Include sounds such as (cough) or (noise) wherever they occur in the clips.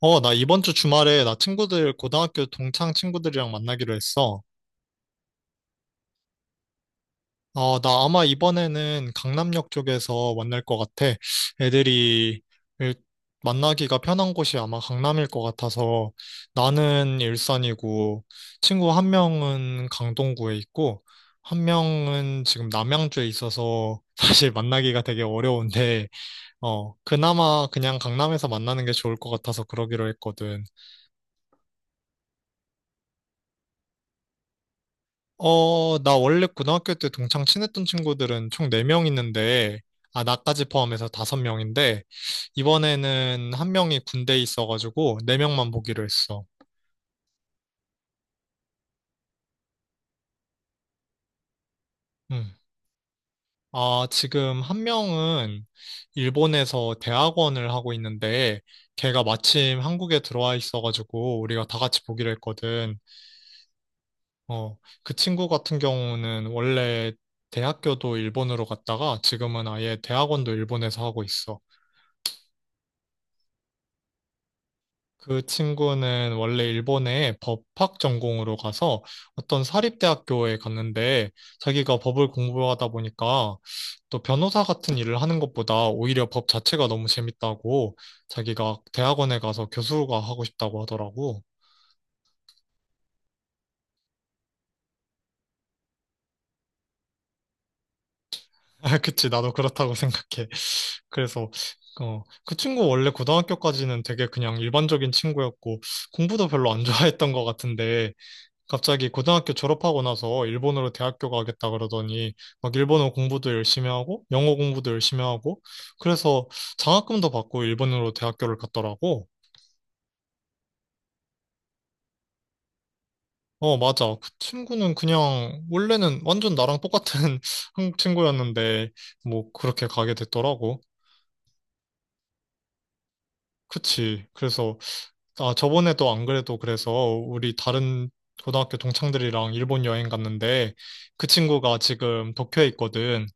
어, 나 이번 주 주말에 나 친구들, 고등학교 동창 친구들이랑 만나기로 했어. 어, 나 아마 이번에는 강남역 쪽에서 만날 것 같아. 애들이 일- 만나기가 편한 곳이 아마 강남일 것 같아서 나는 일산이고 친구 한 명은 강동구에 있고 한 명은 지금 남양주에 있어서 (laughs) 사실 만나기가 되게 어려운데, 어, 그나마 그냥 강남에서 만나는 게 좋을 것 같아서 그러기로 했거든. 어, 나 원래 고등학교 때 동창 친했던 친구들은 총 4명 있는데, 아, 나까지 포함해서 5명인데, 이번에는 한 명이 군대에 있어가지고 4명만 보기로 했어. 음. 아, 지금 한 명은 일본에서 대학원을 하고 있는데, 걔가 마침 한국에 들어와 있어가지고 우리가 다 같이 보기로 했거든. 어, 그 친구 같은 경우는 원래 대학교도 일본으로 갔다가 지금은 아예 대학원도 일본에서 하고 있어. 그 친구는 원래 일본에 법학 전공으로 가서 어떤 사립대학교에 갔는데 자기가 법을 공부하다 보니까 또 변호사 같은 일을 하는 것보다 오히려 법 자체가 너무 재밌다고 자기가 대학원에 가서 교수가 하고 싶다고 하더라고. (laughs) 아, 그치, 나도 그렇다고 생각해. 그래서 어, 그 친구 원래 고등학교까지는 되게 그냥 일반적인 친구였고 공부도 별로 안 좋아했던 것 같은데 갑자기 고등학교 졸업하고 나서 일본으로 대학교 가겠다 그러더니 막 일본어 공부도 열심히 하고 영어 공부도 열심히 하고 그래서 장학금도 받고 일본으로 대학교를 갔더라고. 어, 맞아. 그 친구는 그냥 원래는 완전 나랑 똑같은 (laughs) 한국 친구였는데 뭐 그렇게 가게 됐더라고. 그치. 그래서 아, 저번에도 안 그래도 그래서 우리 다른 고등학교 동창들이랑 일본 여행 갔는데 그 친구가 지금 도쿄에 있거든.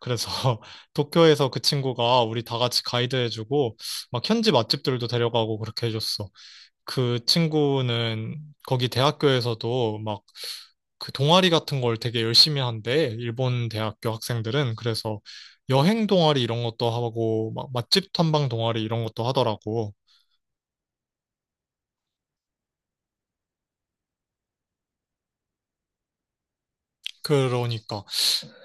그래서 (laughs) 도쿄에서 그 친구가 우리 다 같이 가이드 해주고 막 현지 맛집들도 데려가고 그렇게 해줬어. 그 친구는 거기 대학교에서도 막 그 동아리 같은 걸 되게 열심히 한대. 일본 대학교 학생들은. 그래서 여행 동아리 이런 것도 하고 막 맛집 탐방 동아리 이런 것도 하더라고. 그러니까.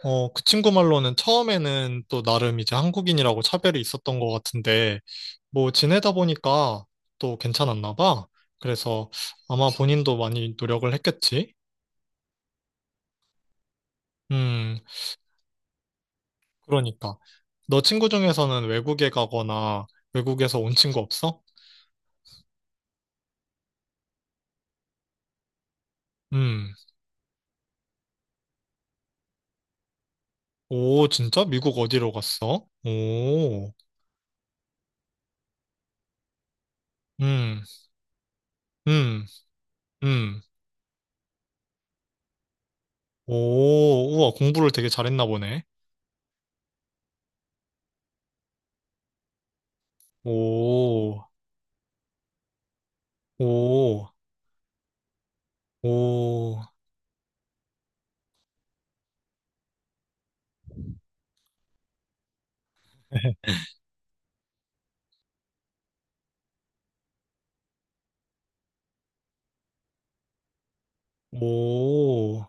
어, 그 친구 말로는 처음에는 또 나름 이제 한국인이라고 차별이 있었던 것 같은데, 뭐 지내다 보니까 또 괜찮았나 봐. 그래서 아마 본인도 많이 노력을 했겠지? 음, 그러니까. 너 친구 중에서는 외국에 가거나 외국에서 온 친구 없어? 음, 오, 진짜? 미국 어디로 갔어? 오, 음, 음, 음, 오, 우와, 공부를 되게 잘했나 보네. 오, 오, 오. 오,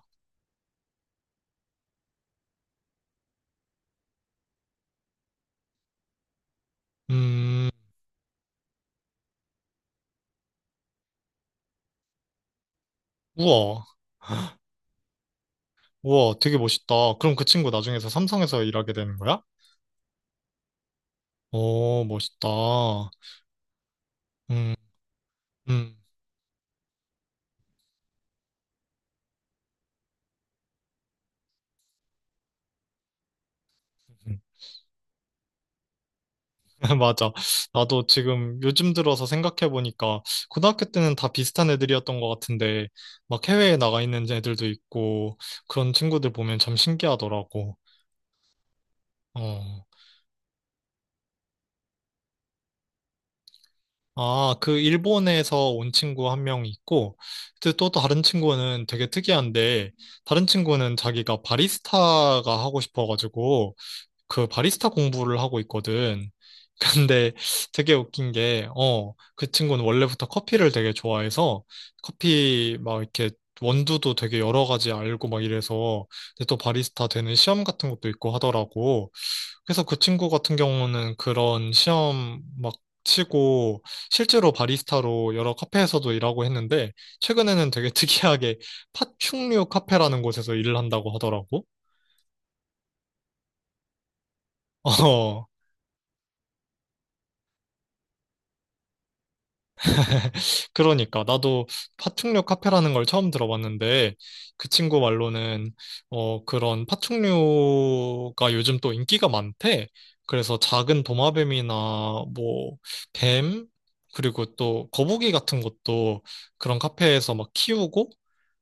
음, 우와, 우와, 되게 멋있다. 그럼 그 친구 나중에서 삼성에서 일하게 되는 거야? 오, 멋있다. 음, 음. (laughs) 맞아. 나도 지금 요즘 들어서 생각해보니까 고등학교 때는 다 비슷한 애들이었던 것 같은데 막 해외에 나가 있는 애들도 있고 그런 친구들 보면 참 신기하더라고. 어. 아, 그 일본에서 온 친구 한 명 있고, 이제 또 다른 친구는 되게 특이한데, 다른 친구는 자기가 바리스타가 하고 싶어가지고, 그 바리스타 공부를 하고 있거든. (laughs) 근데 되게 웃긴 게, 어, 그 친구는 원래부터 커피를 되게 좋아해서, 커피 막 이렇게 원두도 되게 여러 가지 알고 막 이래서, 근데 또 바리스타 되는 시험 같은 것도 있고 하더라고. 그래서 그 친구 같은 경우는 그런 시험 막 치고 실제로 바리스타로 여러 카페에서도 일하고 했는데 최근에는 되게 (laughs) 특이하게 파충류 카페라는 곳에서 일을 한다고 하더라고. (laughs) 어. 그러니까 나도 파충류 카페라는 걸 처음 들어봤는데 그 친구 말로는 어 그런 파충류가 요즘 또 인기가 많대. 그래서 작은 도마뱀이나 뭐 뱀, 그리고 또 거북이 같은 것도 그런 카페에서 막 키우고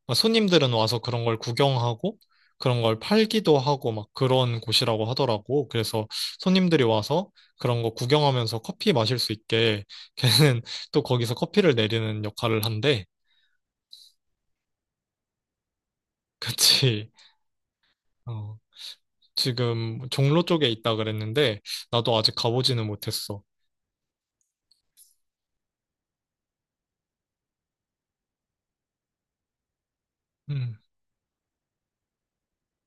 막 손님들은 와서 그런 걸 구경하고 그런 걸 팔기도 하고 막 그런 곳이라고 하더라고. 그래서 손님들이 와서 그런 거 구경하면서 커피 마실 수 있게 (laughs) 걔는 또 거기서 커피를 내리는 역할을 한대. (laughs) 그치. 어, 지금 종로 쪽에 있다 그랬는데, 나도 아직 가보지는 못했어. 음.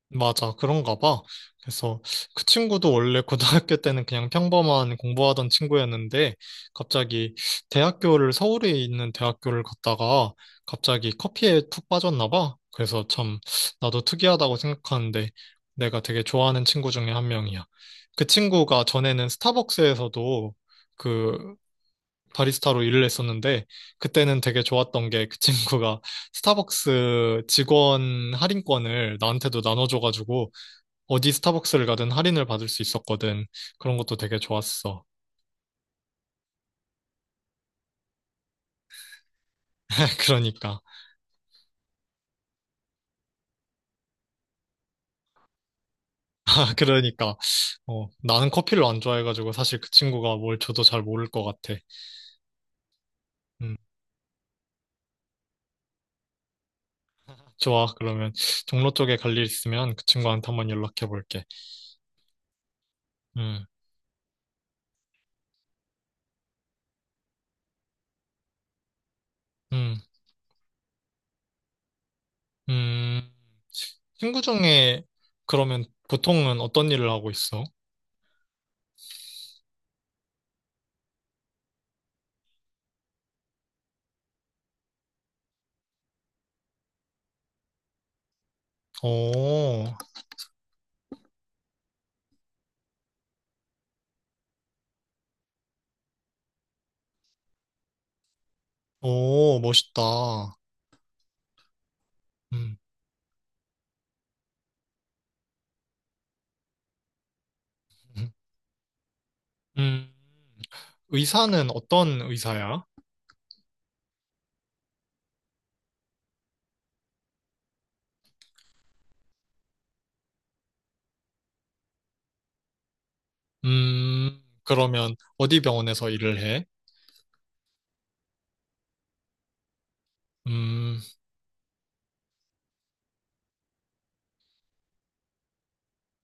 맞아, 그런가 봐. 그래서 그 친구도 원래 고등학교 때는 그냥 평범한 공부하던 친구였는데 갑자기 대학교를 서울에 있는 대학교를 갔다가 갑자기 커피에 푹 빠졌나 봐. 그래서 참 나도 특이하다고 생각하는데 내가 되게 좋아하는 친구 중에 한 명이야. 그 친구가 전에는 스타벅스에서도 그 바리스타로 일을 했었는데 그때는 되게 좋았던 게 그 친구가 스타벅스 직원 할인권을 나한테도 나눠줘가지고 어디 스타벅스를 가든 할인을 받을 수 있었거든. 그런 것도 되게 좋았어. (laughs) 그러니까. 아, 그러니까. 어, 나는 커피를 안 좋아해가지고 사실 그 친구가 뭘 줘도 잘 모를 것 같아. 음, 좋아. 그러면 종로 쪽에 갈 일 있으면 그 친구한테 한번 연락해 볼게. 음, 음, 음. 친구 중에 그러면 보통은 어떤 일을 하고 있어? 오, 오, 멋있다. 음, 음. 음. 의사는 어떤 의사야? 그러면 어디 병원에서 일을 해? 음,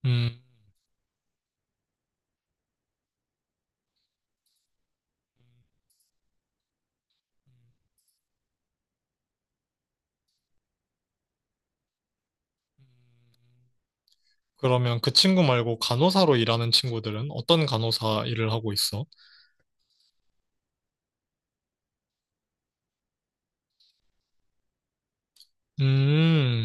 음, 음. 그러면 그 친구 말고 간호사로 일하는 친구들은 어떤 간호사 일을 하고 있어? 음,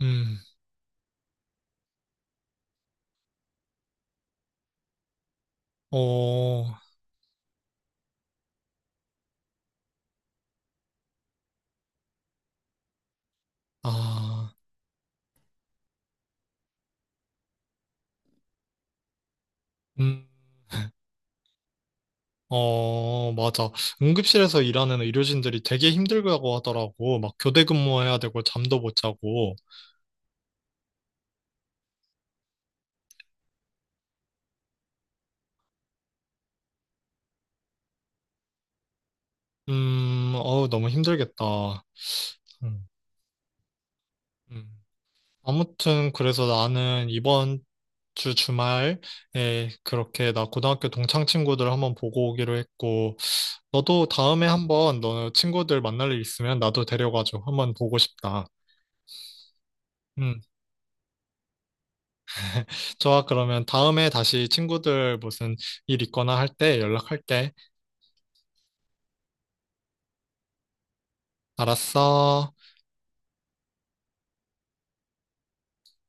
음, 어, 아, 음, 어, 맞아. 응급실에서 일하는 의료진들이 되게 힘들다고 하더라고. 막 교대 근무해야 되고 잠도 못 자고. 어우, 너무 힘들겠다. 음, 음. 아무튼 그래서 나는 이번 주 주말에 그렇게 나 고등학교 동창 친구들 한번 보고 오기로 했고, 너도 다음에 한번 너 친구들 만날 일 있으면 나도 데려가줘. 한번 보고 싶다. 음, 좋아. 그러면 다음에 다시 친구들 무슨 일 있거나 할 때 연락할게. 알았어.